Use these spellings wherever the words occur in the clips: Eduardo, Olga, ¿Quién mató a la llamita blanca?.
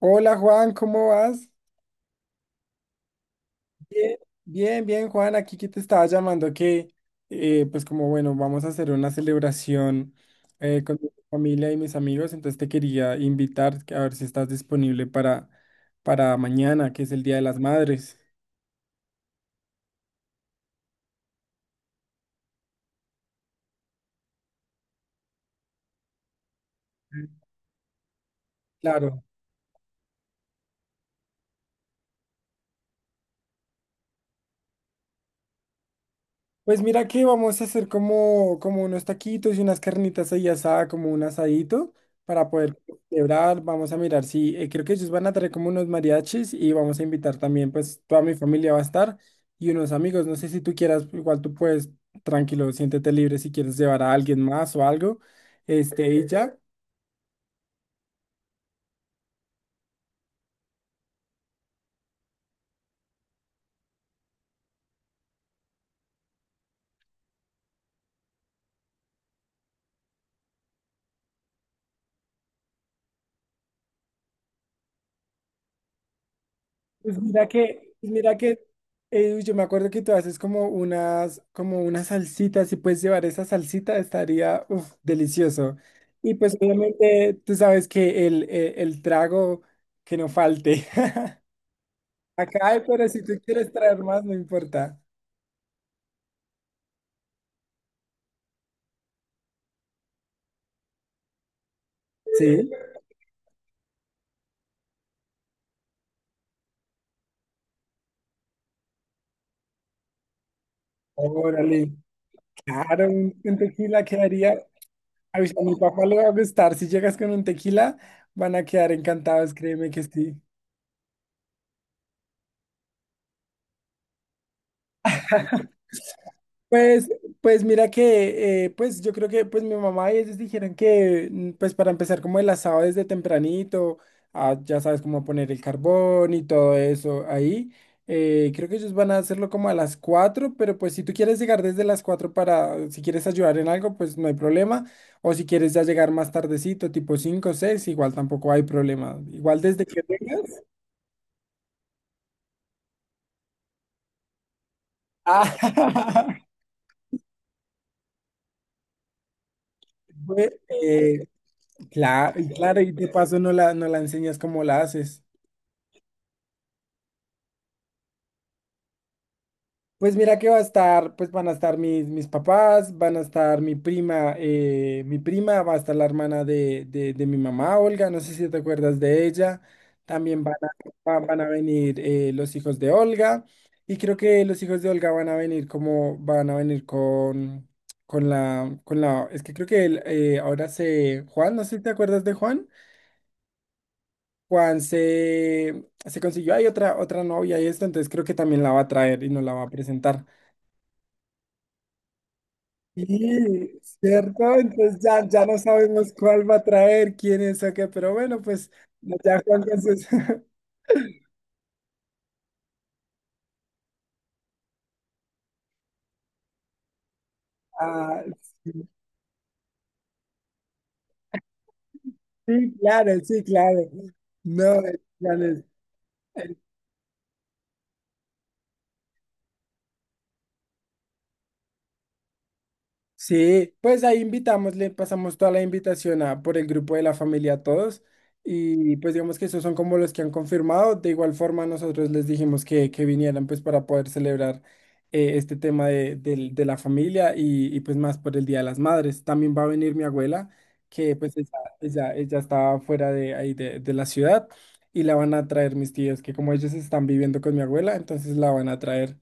Hola Juan, ¿cómo vas? Bien. Bien Juan, aquí que te estaba llamando que, vamos a hacer una celebración con mi familia y mis amigos, entonces te quería invitar, que a ver si estás disponible para mañana, que es el Día de las Madres. Claro. Pues mira que vamos a hacer como unos taquitos y unas carnitas ahí asada, como un asadito, para poder celebrar. Vamos a mirar si, creo que ellos van a traer como unos mariachis y vamos a invitar también, pues toda mi familia va a estar y unos amigos. No sé si tú quieras, igual tú puedes, tranquilo, siéntete libre si quieres llevar a alguien más o algo. Este, y ya. Pues mira que, yo me acuerdo que tú haces como unas salsitas y puedes llevar esa salsita, estaría, uf, delicioso. Y pues obviamente tú sabes que el trago que no falte. Acá hay, pero si tú quieres traer más, no importa. Sí, órale, claro, un tequila quedaría. Ay, a mi papá le va a gustar. Si llegas con un tequila, van a quedar encantados, créeme que sí. Pues, pues mira que, pues yo creo que, pues, mi mamá y ellos dijeron que, pues, para empezar como el asado desde tempranito, ah, ya sabes, cómo poner el carbón y todo eso ahí, creo que ellos van a hacerlo como a las 4, pero pues si tú quieres llegar desde las 4 para, si quieres ayudar en algo, pues no hay problema, o si quieres ya llegar más tardecito, tipo 5 o seis, igual tampoco hay problema, igual desde que vengas. Ah, Pues, eh, claro, y claro, y de paso no la enseñas cómo la haces. Pues mira que va a estar, pues van a estar mis papás, van a estar mi prima, va a estar la hermana de mi mamá, Olga, no sé si te acuerdas de ella. También van a, van a venir, los hijos de Olga. Y creo que los hijos de Olga van a venir van a venir con la, es que creo que Juan, no sé si te acuerdas de Juan. Se consiguió hay otra, otra novia y esto, entonces creo que también la va a traer y nos la va a presentar. Sí, ¿cierto? Entonces ya, ya no sabemos cuál va a traer, quién es o qué, pero bueno, pues ya Juan con sus... Ah, sí, sí, claro, sí, claro. No, el plan es... Sí, pues ahí invitamos, le pasamos toda la invitación, por el grupo de la familia, a todos, y pues digamos que esos son como los que han confirmado. De igual forma nosotros les dijimos que vinieran, pues, para poder celebrar este tema de la familia, y pues más por el Día de las Madres. También va a venir mi abuela que pues ella está fuera de ahí de la ciudad y la van a traer mis tíos, que como ellos están viviendo con mi abuela, entonces la van a traer.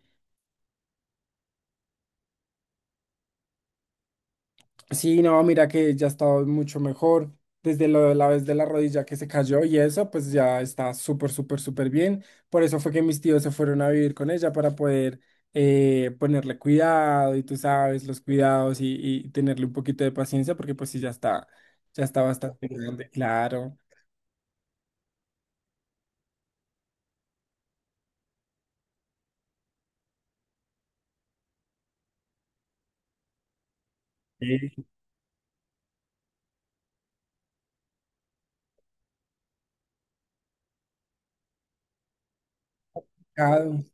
Sí, no, mira que ya está mucho mejor. Desde lo de la vez de la rodilla que se cayó y eso, pues ya está súper, súper, súper bien. Por eso fue que mis tíos se fueron a vivir con ella para poder, ponerle cuidado, y tú sabes, los cuidados, y tenerle un poquito de paciencia, porque pues sí, ya está bastante grande, claro. Sí. Complicado.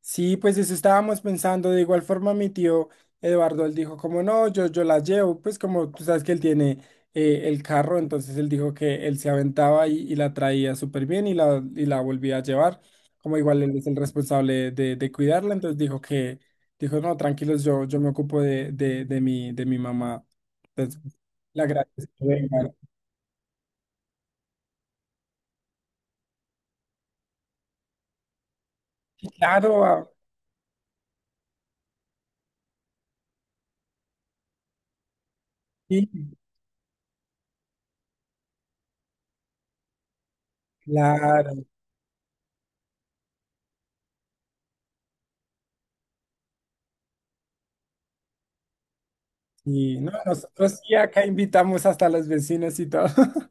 Sí, pues eso estábamos pensando. De igual forma, mi tío Eduardo, él dijo como, no, yo la llevo, pues como tú sabes que él tiene, el carro, entonces él dijo que él se aventaba y la traía súper bien y y la volvía a llevar, como igual él es el responsable de cuidarla, entonces dijo que, dijo, no, tranquilos, yo me ocupo de mi mamá. Entonces, la gracias. Claro. Ah, sí, claro, sí. No, nosotros sí acá invitamos hasta los vecinos y todo.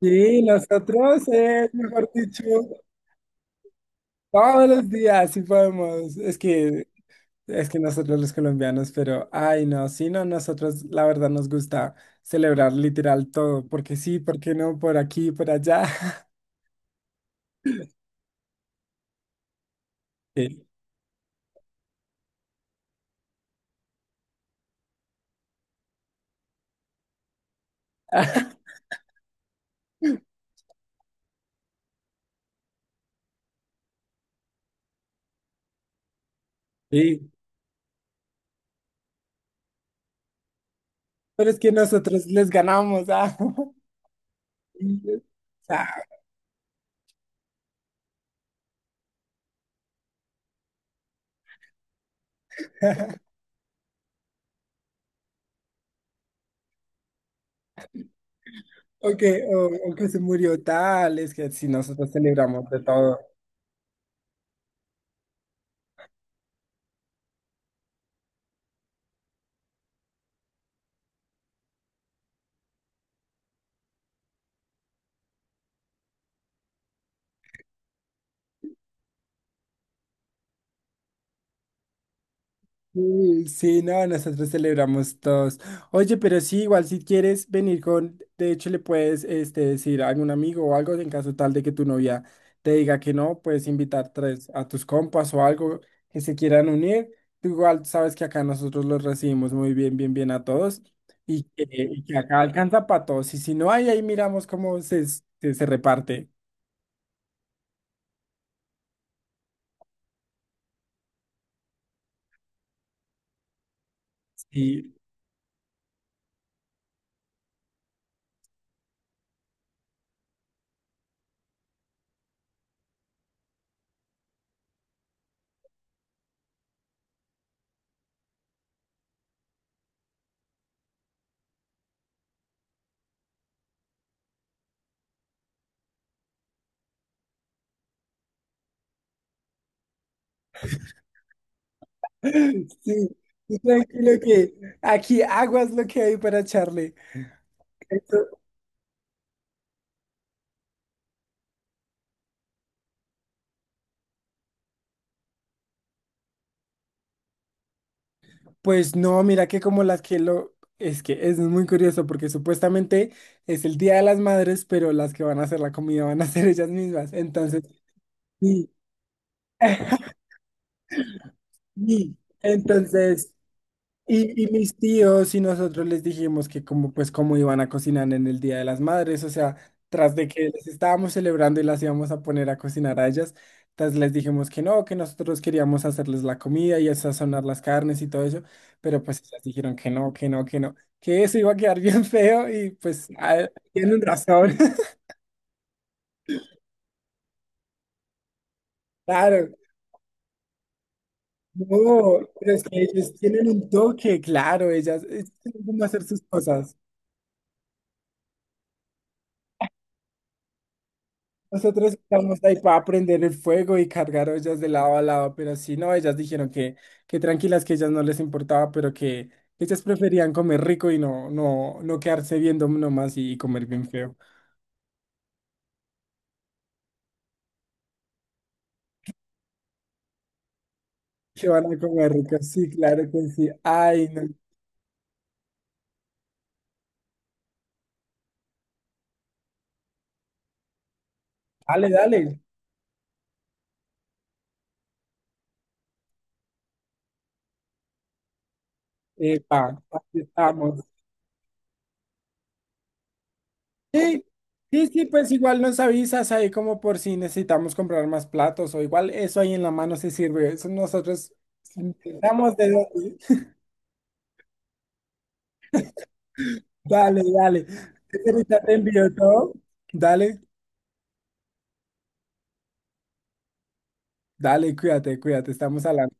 Sí, nosotros, mejor dicho, todos los días, sí podemos. Es que nosotros los colombianos, pero ay no, sí, no, nosotros la verdad nos gusta celebrar literal todo, porque sí, porque no, por aquí, por allá. Sí. Sí, pero es que nosotros les ganamos, ah. O sea, o que, o que se murió tal, es que si nosotros celebramos de todo. Sí, sí, no, nosotros celebramos todos. Oye, pero sí, igual si quieres venir con, de hecho le puedes, este, decir a algún amigo o algo, en caso tal de que tu novia te diga que no, puedes invitar tres a tus compas o algo que se quieran unir. Tú igual sabes que acá nosotros los recibimos muy bien, bien, bien a todos, y que, y que acá alcanza para todos. Y si no hay, ahí miramos cómo se reparte. Sí. Sí, tú tranquilo, que aquí aguas lo que hay para echarle. Pues no, mira que como las que lo... Es que es muy curioso, porque supuestamente es el Día de las Madres, pero las que van a hacer la comida van a ser ellas mismas. Entonces, sí. Sí. Entonces, y mis tíos y nosotros les dijimos que, como pues, cómo iban a cocinar en el Día de las Madres, o sea, tras de que les estábamos celebrando y las íbamos a poner a cocinar a ellas, tras les dijimos que no, que nosotros queríamos hacerles la comida y sazonar las carnes y todo eso, pero pues ellas dijeron que no, que no, que no, que eso iba a quedar bien feo, y pues ah, tienen razón. Claro. No, pero es que ellos tienen un toque, claro, ellas saben cómo hacer sus cosas. Nosotros estamos ahí para aprender el fuego y cargar ollas de lado a lado, pero sí, no, ellas dijeron que tranquilas, que ellas no les importaba, pero que ellas preferían comer rico y no, no, no quedarse viendo nomás y comer bien feo. Que van a comer rico, sí, claro que sí. Ay, no. Dale, dale. Epa, aquí estamos. Sí, sí, sí, pues igual nos avisas ahí, como por si necesitamos comprar más platos, o igual eso ahí en la mano se sirve. Eso nosotros intentamos de... Dale, dale. Ahorita te envío todo. Dale, dale, cuídate, cuídate. Estamos hablando.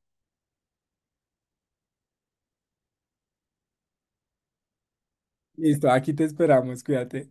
Listo, aquí te esperamos, cuídate.